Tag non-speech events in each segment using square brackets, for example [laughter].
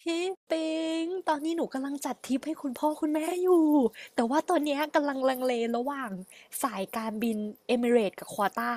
พี่ปิงตอนนี้หนูกำลังจัดทริปให้คุณพ่อคุณแม่อยู่แต่ว่าตอนเนี้ยกำลังลังเลระหว่างสายการบินเอมิเรตกับควอต้า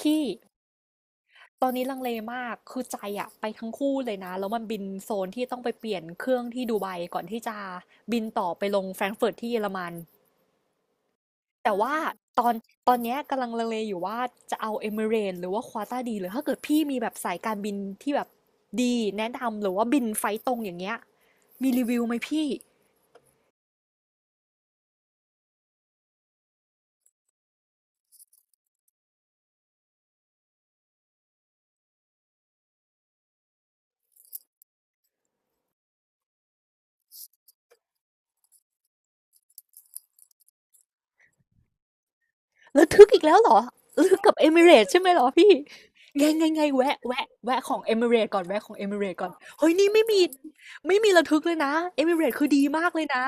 พี่ตอนนี้ลังเลมากคือใจอะไปทั้งคู่เลยนะแล้วมันบินโซนที่ต้องไปเปลี่ยนเครื่องที่ดูไบก่อนที่จะบินต่อไปลงแฟรงก์เฟิร์ตที่เยอรมัน แต่ว่าตอนตอนเนี้ยกำลังลังเลอยู่ว่าจะเอาเ m มิเร e s หรือว่า q a t a าดีหรือถ้าเกิดพี่มีแบบสายการบินที่แบบดีแนะนำหรือว่าบินไฟล์ตรงอย่างเงี้ยมีรีวิวไหมพี่แล้วทึกอีกแล้วเหรอทึกกับ Emirates ใช่ไหมเหรอพี่ไงไงไงแวะแวะแวะของเอ i ิเรตก่อนแวะของ Emirates ก่อนเฮ้ยนี่ไม่มีระทึกเลยนะ e อม r a รตคือดีมากเลยนะ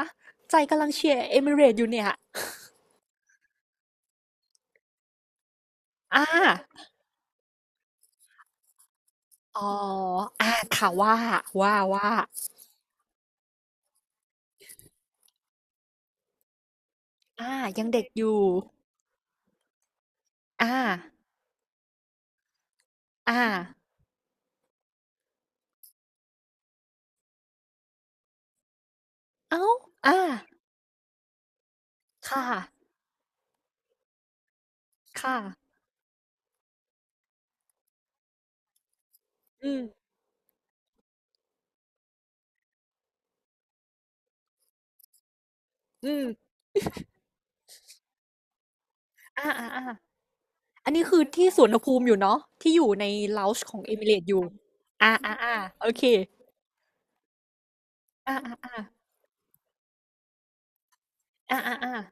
ใจกำลังเชียร์ e อม r a t e อยู่เนี่ยอ่าอ๋ออ่าค่ะว่าอ่ายังเด็กอยู่ อาอาอ้าวอาค่ะค่ะ อืมอืมอาๆๆอันนี้คือที่สุวรรณภูมิอยู่เนาะที่อยู่ใน Lounge ของ Emirates อยู่อาๆๆโอเคอาๆๆอาๆ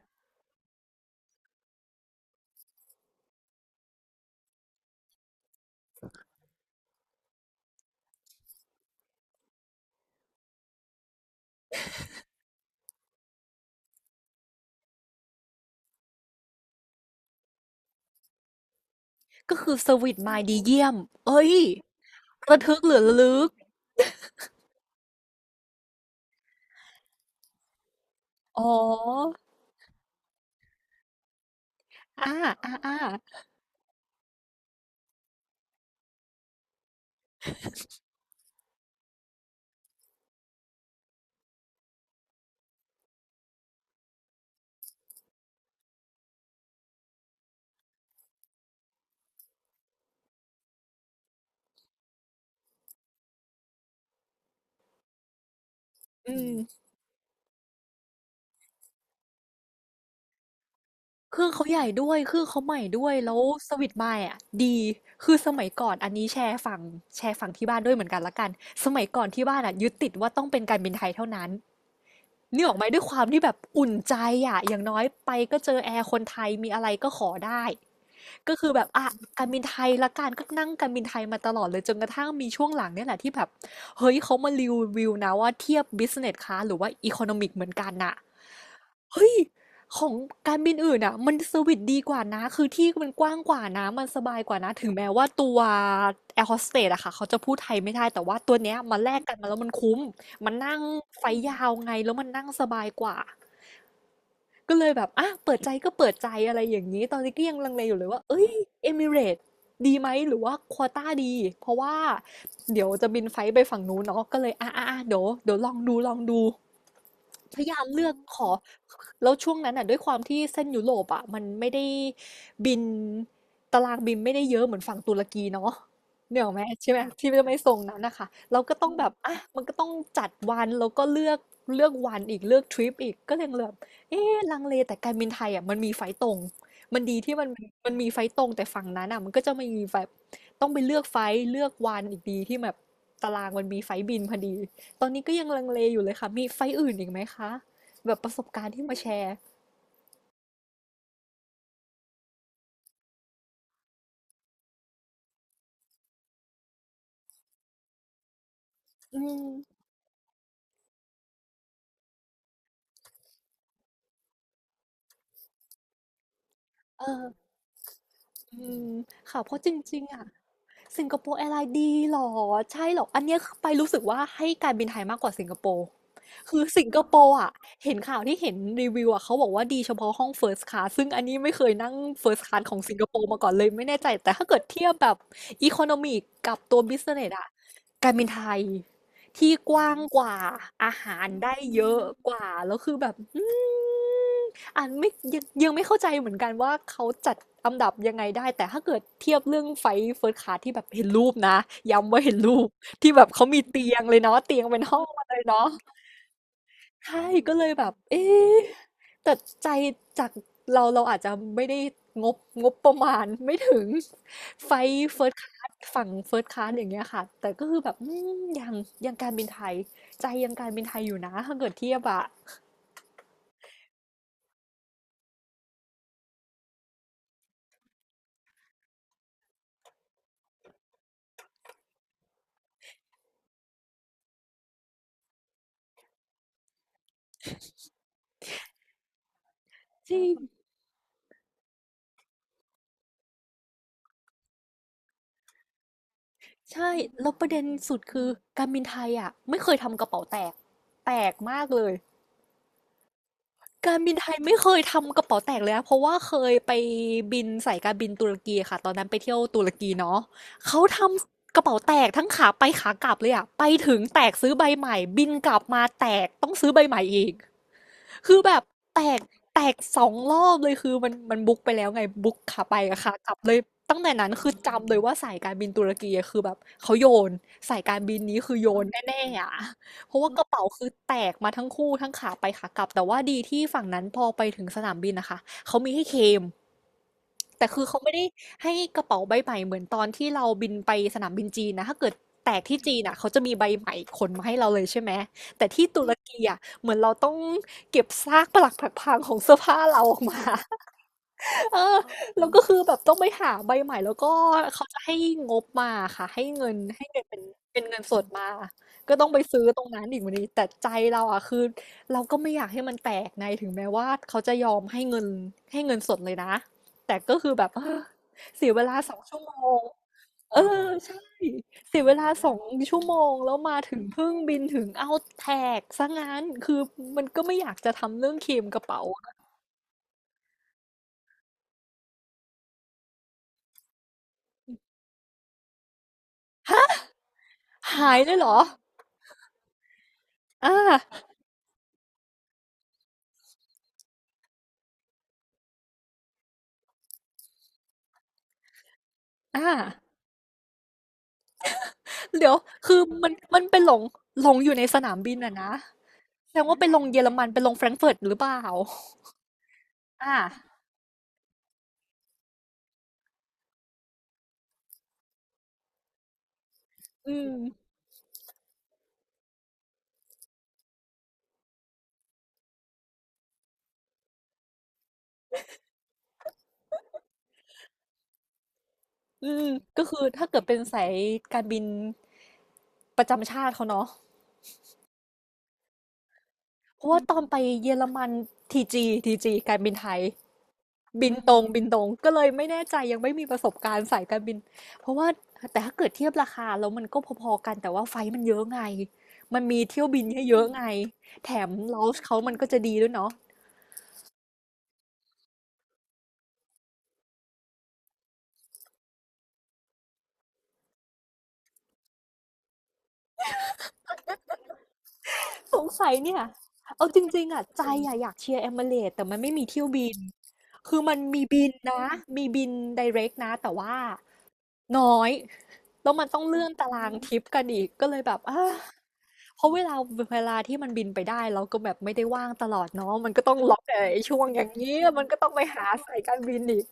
ๆก็คือเซอร์วิซมาดีเยี่ยมเฮ้ยระทึกหรือระลึกอ๋ออาอาๆอืม เครื่องเขาใหญ่ด้วยเครื่องเขาใหม่ด้วยแล้วสวิตช์ไมค์อะดีคือสมัยก่อนอันนี้แชร์ฝั่งที่บ้านด้วยเหมือนกันละกันสมัยก่อนที่บ้านอะยึดติดว่าต้องเป็นการบินไทยเท่านั้นนี่ออกไหมด้วยความที่แบบอุ่นใจอะอย่างน้อยไปก็เจอแอร์คนไทยมีอะไรก็ขอได้ ก็คือแบบอ่ะการบินไทยละกันก็นั่งการบินไทยมาตลอดเลยจนกระทั่งมีช่วงหลังเนี่ยแหละที่แบบเฮ้ยเขามารีวิวนะว่าเทียบ business class หรือว่า economic เหมือนกันน่ะเฮ้ยของการบินอื่นอ่ะมันเซอร์วิสดีกว่านะคือที่มันกว้างกว่านะมันสบายกว่านะถึงแม้ว่าตัวแอร์โฮสเตสอะค่ะเขาจะพูดไทยไม่ได้แต่ว่าตัวเนี้ยมาแลกกันมาแล้วมันคุ้มมันนั่งไฟยาวไงแล้วมันนั่งสบายกว่า ก็เลยแบบอ่ะเปิดใจก็เปิดใจอะไรอย่างนี้ ตอนนี้ก็ยังลังเลอยู่เลยว่า เอ้ย เอมิเรตดีไหม หรือว่าควอต้าดี เพราะว่า เดี๋ยวจะบินไฟล์ไปฝั่งนู้นเนาะก็เลยอ่ะเดี๋ยวลองดูลองดู. พยายามเลือกขอ [laughs] แล้วช่วงนั้นอ่ะด้วยความที่เส้นยุโรปอ่ะมันไม่ได้บินตารางบินไม่ได้เยอะเหมือนฝั่งตุรกีเนาะเนี่ยหรอกไหมใช่ไหมที่ไม่ส่งนั้นนะคะเราก็ต้องแบบอ่ะมันก็ต้องจัดวันแล้วก็เลือกวันอีกเลือกทริปอีกก็เลยแบบเอ๊ะลังเลแต่การบินไทยอ่ะมันมีไฟล์ตรงมันดีที่มันมีไฟล์ตรงแต่ฝั่งนั้นอ่ะมันก็จะมีแบบต้องไปเลือกไฟล์เลือกวันอีกดีที่แบบตารางมันมีไฟล์บินพอดี ตอนนี้ก็ยังลังเลอยู่เลยค่ะ มีไฟท์อื่นอีกไหมคะ แบบประสบการณ์ที่มาแชร์ อืม เออ อืมค่ะเพราะจริงๆอะ สิงคโปร์แอร์ไลน์ดีเหรอใช่เหรออันเนี้ยคือไปรู้สึกว่าให้การบินไทยมากกว่าสิงคโปร์คือสิงคโปร์อ่ะเห็นข่าวที่เห็นรีวิวอ่ะเขาบอกว่าดีเฉพาะห้อง First Class ซึ่งอันนี้ไม่เคยนั่ง First Class ของสิงคโปร์มาก่อนเลยไม่แน่ใจแต่ถ้าเกิดเทียบแบบ Economy กับตัว Business อ่ะการบินไทยที่กว้างกว่าอาหารได้เยอะกว่าแล้วคือแบบอืม อันไม่ยังไม่เข้าใจเหมือนกันว่าเขาจัดอันดับยังไงได้แต่ถ้าเกิดเทียบเรื่องไฟเฟิร์สคลาสที่แบบเห็นรูปนะย้ำว่าเห็นรูป [laughs] ที่แบบเขามีเตียงเลยเนาะเตียงเป็นห้องมาเลยเนาะใช่ก็เลยแบบเอ๊ะแต่ใจจากเราอาจจะไม่ได้งบงบประมาณไม่ถึงไฟเฟิร์สคลาสฝั่งเฟิร์สคลาสอย่างเงี้ยค่ะแต่ก็คือแบบอืมยังการบินไทยใจยังการบินไทยอยู่นะถ้าเกิดเทียบอะจริง ใช่แล้วประเด็นสุดคือการบินไทยอ่ะไม่เคยทำกระเป๋าแตกแปลกมากเลยการบินไทยไม่เคยทำกระเป๋าแตกเลยนะเพราะว่าเคยไปบินสายการบินตุรกีค่ะตอนนั้นไปเที่ยวตุรกีเนาะเขาทำกระเป๋าแตกทั้งขาไปขากลับเลยอ่ะไปถึงแตกซื้อใบใหม่บินกลับมาแตกต้องซื้อใบใหม่อีก คือแบบแตกแตก2 รอบเลยคือมันมันบุ๊กไปแล้วไงบุ๊กขาไปกับขากลับเลยตั้งแต่นั้นคือจำเลยว่าสายการบินตุรกีอะคือแบบเขาโยนสายการบินนี้คือโยนแน่ๆอ่ะเพราะว่ากระเป๋าคือแตกมาทั้งคู่ทั้งขาไปขากลับแต่ว่าดีที่ฝั่งนั้นพอไปถึงสนามบินนะคะเขามีให้เคลมแต่คือเขาไม่ได้ให้กระเป๋าใบใหม่เหมือนตอนที่เราบินไปสนามบินจีนนะถ้าเกิดแตกที่จีนอ่ะเขาจะมีใบใหม่ขนมาให้เราเลยใช่ไหมแต่ที่ตุรกีอ่ะ เหมือนเราต้องเก็บซากปรักผักพังของเสื้อผ้าเราออกมา เออ แล้วก็คือแบบต้องไปหาใบใหม่แล้วก็เขาจะให้งบมาค่ะให้เงินให้เงินเป็นเป็นเงินสดมาก็ต้องไปซื้อตรงนั้นอีกวันนี้แต่ใจเราอ่ะคือเราก็ไม่อยากให้มันแตกในถึงแม้ว่าเขาจะยอมให้เงินให้เงินสดเลยนะแต่ก็คือแบบ [gasps] เออเสียเวลา2 ชั่วโมงเออใช่เสียเวลาสองชั่วโมงแล้วมาถึงเพิ่งบินถึงเอาแตกซะงั้นคือมันก็ไม่อยากจะทำเรื่องเคลมกระเป๋าหายเลยเหรออ่า อาเดี๋ยวคือมันมันไปหลงอยู่ในสนามบินอะนะแสดงว่าไปลงเยอรมันไปลง Frankfurt หรือเปล่าอาอืมอืมคือถ้าเกิดเป็นสายการบินประจำชาติเขาเนาะเพราะว่าตอนไปเยอรมันทีจีทีจีการบินไทยบินตรงบินตรงก็เลยไม่แน่ใจยังไม่มีประสบการณ์สายการบินเพราะว่าแต่ถ้าเกิดเทียบราคาแล้วมันก็พอๆกันแต่ว่าไฟล์มันเยอะไงมันมีเที่ยวบินให้เยอะไงแถม lounge เขามันก็จะดีด้วยเนาะ สงสัยเนี่ยเอาจริงๆอะใจอะอยากเชียร์เอมิเรตแต่มันไม่มีเที่ยวบิน คือมันมีบินนะ มีบิน i r เรกนะแต่ว่าน้อย แล้วมันต้องเลื่อนตารางทริปกันอีก ก็เลยแบบอ้าเพราะเวลาที่มันบินไปได้เราก็แบบไม่ได้ว่างตลอดเนาะมันก็ต้องล็อกแต่ไอ้ช่วงอย่างนี้ มันก็ต้องไปหาสายการบินอีก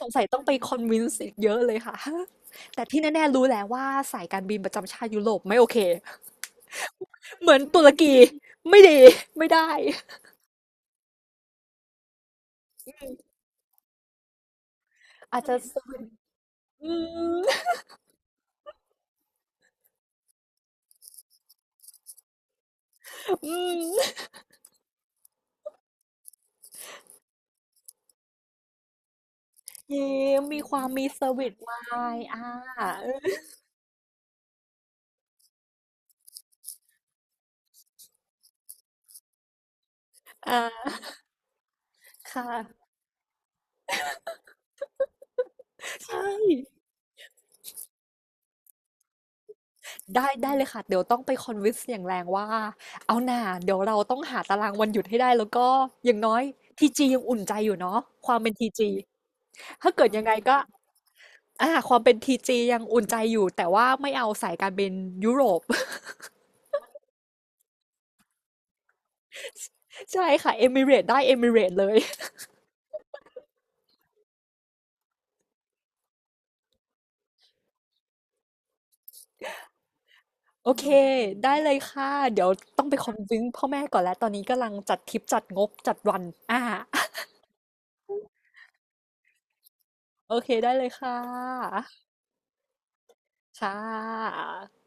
สงสัยต้องไปคอนวินส์อีกเยอะเลยค่ะ [laughs] แต่ที่แน่ๆรู้แหละว่าสายการบินประจำชาติยุโรปไม่โอเคเหมือนตุรกีไม่ดีไม่ได้ อาจจะ [laughs] สวิตอืม [laughs] อืมเยมมีความมีสวิตวายอ่าเอออ่าค่ะใช่ได้ได้เลยค่ะ เดี๋ยวต้องไปคอนวินส์อย่างแรงว่าเอาหน่าเดี๋ยวเราต้องหาตารางวันหยุดให้ได้แล้วก็อย่างน้อยทีจียังอุ่นใจอยู่เนาะความเป็นทีจีถ้าเกิดยังไงก็อ่าความเป็นทีจียังอุ่นใจอยู่ แต่ว่าไม่เอาสายการบินยุโรป [laughs] ใช่ค่ะเอมิเรตได้เอมิเรตเลย โอเค ได้เลยค่ะ เดี๋ยวต้องไปคอนวิ้งพ่อแม่ก่อนแล้ว ตอนนี้กำลังจัดทริปจัดงบจัดวันอ่าโอเค ได้เลยค่ะค่ะ